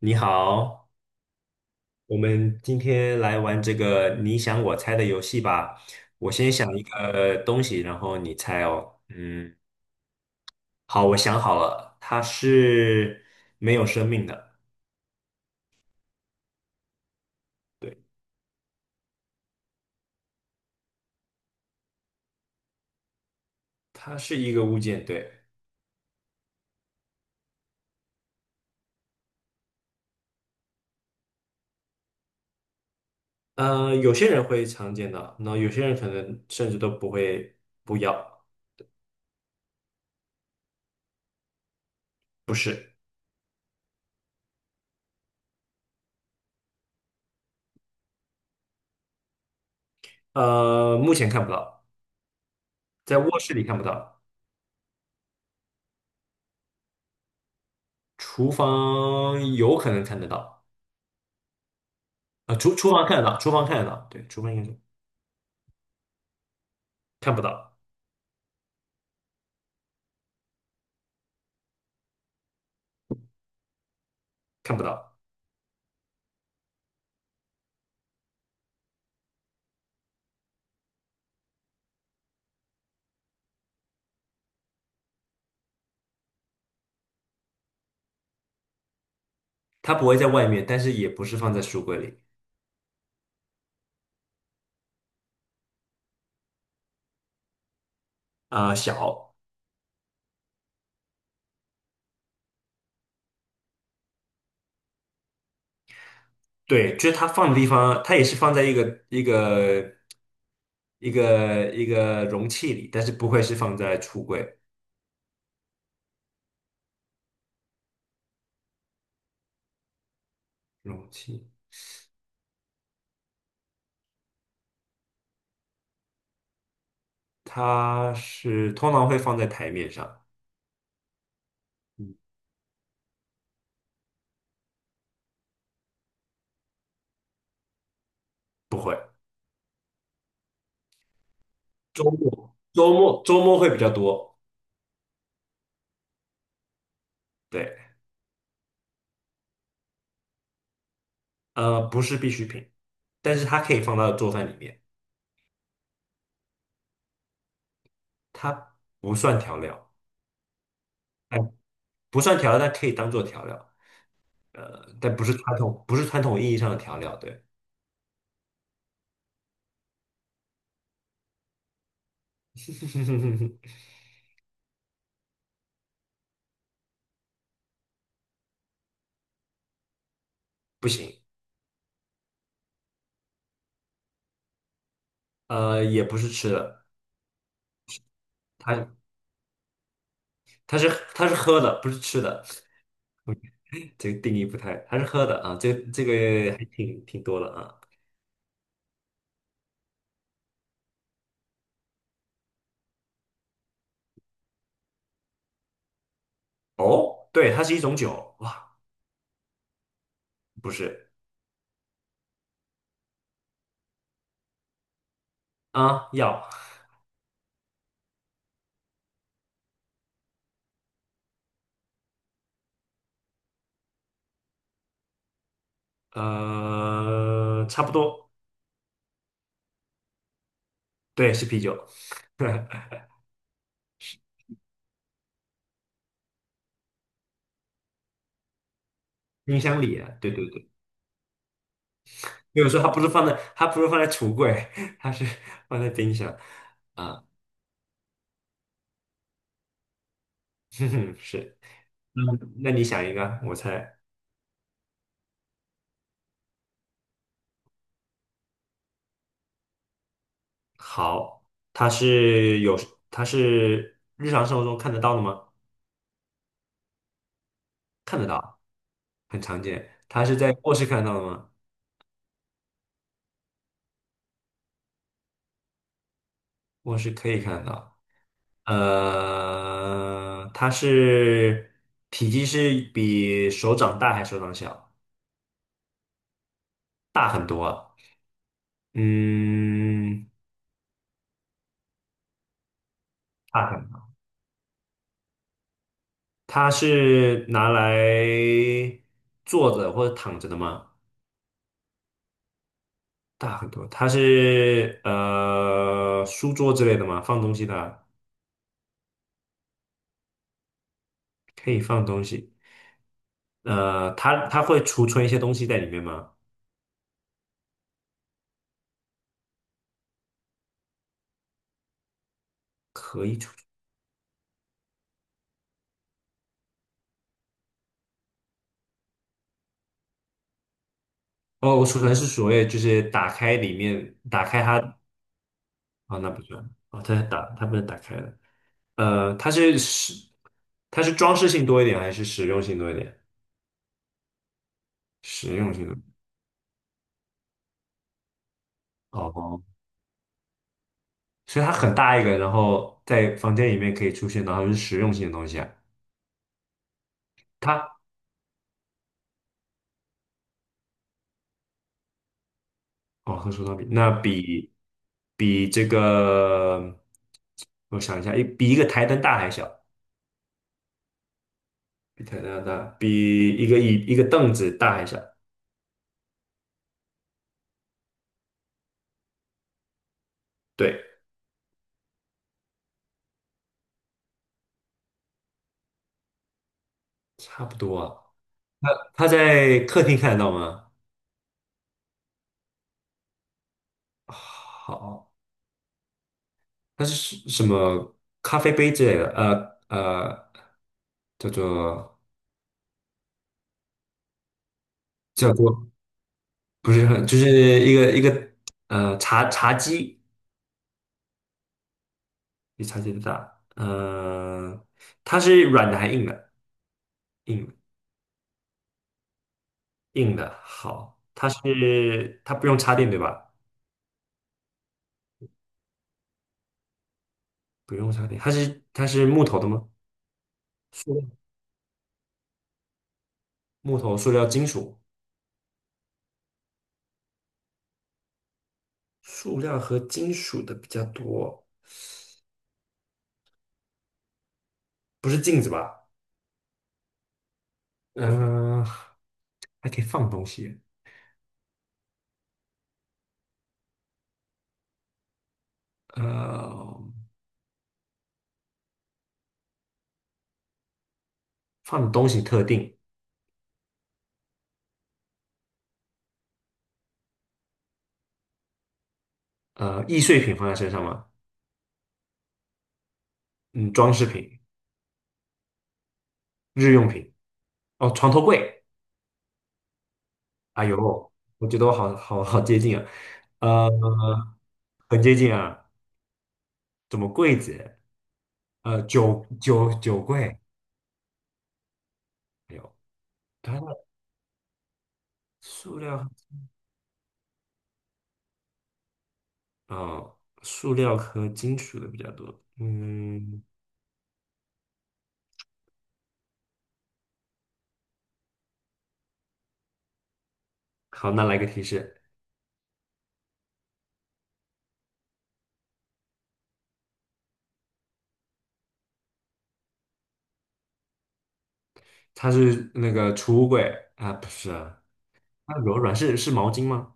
你好，我们今天来玩这个你想我猜的游戏吧。我先想一个东西，然后你猜哦。嗯，好，我想好了，它是没有生命的。对，它是一个物件，对。有些人会常见到，那有些人可能甚至都不会不要，不是。目前看不到，在卧室里看不到。厨房有可能看得到。厨房看得到，厨房看得到，对，厨房应该是看不到。看不到，它不会在外面，但是也不是放在书柜里。啊、小，对，就是它放的地方，它也是放在一个一个容器里，但是不会是放在橱柜容器，它是通常会放在台面上。不会。周末会比较多。对，不是必需品，但是它可以放到做饭里面。它不算调料，哎，不算调料，但可以当做调料。呃，但不是传统，不是传统意义上的调料，对。不行。也不是吃的。它它是它是喝的，不是吃的。这个定义不太，它是喝的啊，这个还挺多的啊。哦，对，它是一种酒，哇，不是啊，药。差不多。对，是啤酒。冰箱里对对对对。有时候它不是放在橱柜，它是放在冰箱啊。哼哼，是。嗯，那你想一个，我猜。好，它是有，它是日常生活中看得到的吗？看得到，很常见。它是在卧室看得到的吗？卧室可以看得到。它是体积是比手掌大还是手掌小？大很多啊。嗯，大很。它是拿来坐着或者躺着的吗？大很多。它是书桌之类的吗？放东西的啊可以放东西。它会储存一些东西在里面吗？哦，我储存是所谓就是打开里面，打开它。哦，那不算。哦，它不能打开的。呃，它是实，它是装饰性多一点还是实用性多一点？实用性的。哦，所以它很大一个，然后在房间里面可以出现，然后是实用性的东西啊。它哦，和手套比，那比这个，我想一下，一比一个台灯大还小。比台大大，比一个凳子大一下，对，差不多啊。它在客厅看得到吗？好，它是什么咖啡杯之类的？叫做叫做不是很，就是一个一个茶几，比茶几的大。它是软的还硬的？硬硬的，好，它是它不用插电对吧？不用插电，它是木头的吗？木头、塑料、金属，塑料和金属的比较多，不是镜子吧？嗯、还可以放东西。呃，放的东西特定。易碎品放在身上吗？嗯，装饰品、日用品，哦，床头柜。哎呦，我觉得我好接近啊。呃，很接近啊，怎么柜子？酒柜哎呦，它的塑料。哦，塑料和金属的比较多。嗯，好，那来个提示。它是那个储物柜啊，不是啊。它柔软是是毛巾吗？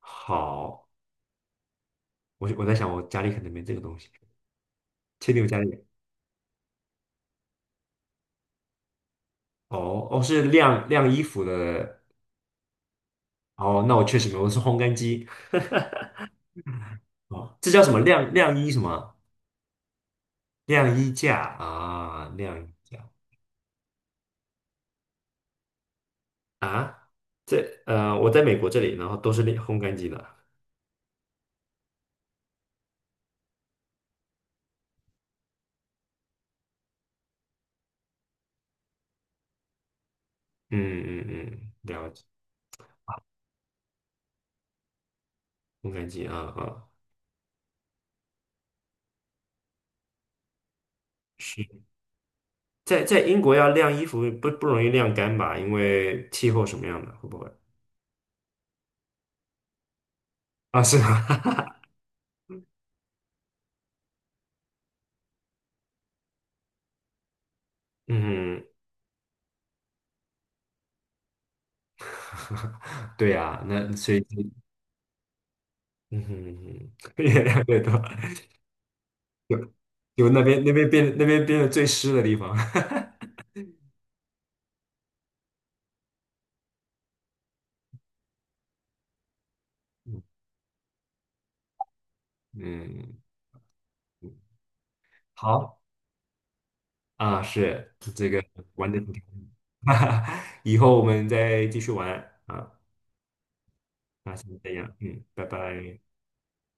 好，我在想我家里可能没这个东西，确定我家里哦哦是晾衣服的。哦那我确实没有，我是烘干机。哦，这叫什么晾衣什么晾衣架啊，这我在美国这里，然后都是晾烘干机的。嗯嗯嗯，了解烘干机啊啊。是。在英国要晾衣服不容易晾干吧？因为气候什么样的，会不会？啊，是吗？嗯，对呀、那所以嗯哼。越晾越多。就就那边变得最湿的地方。嗯嗯，好啊，是这个玩的挺开心。以后我们再继续玩啊。那先这样，嗯，拜拜。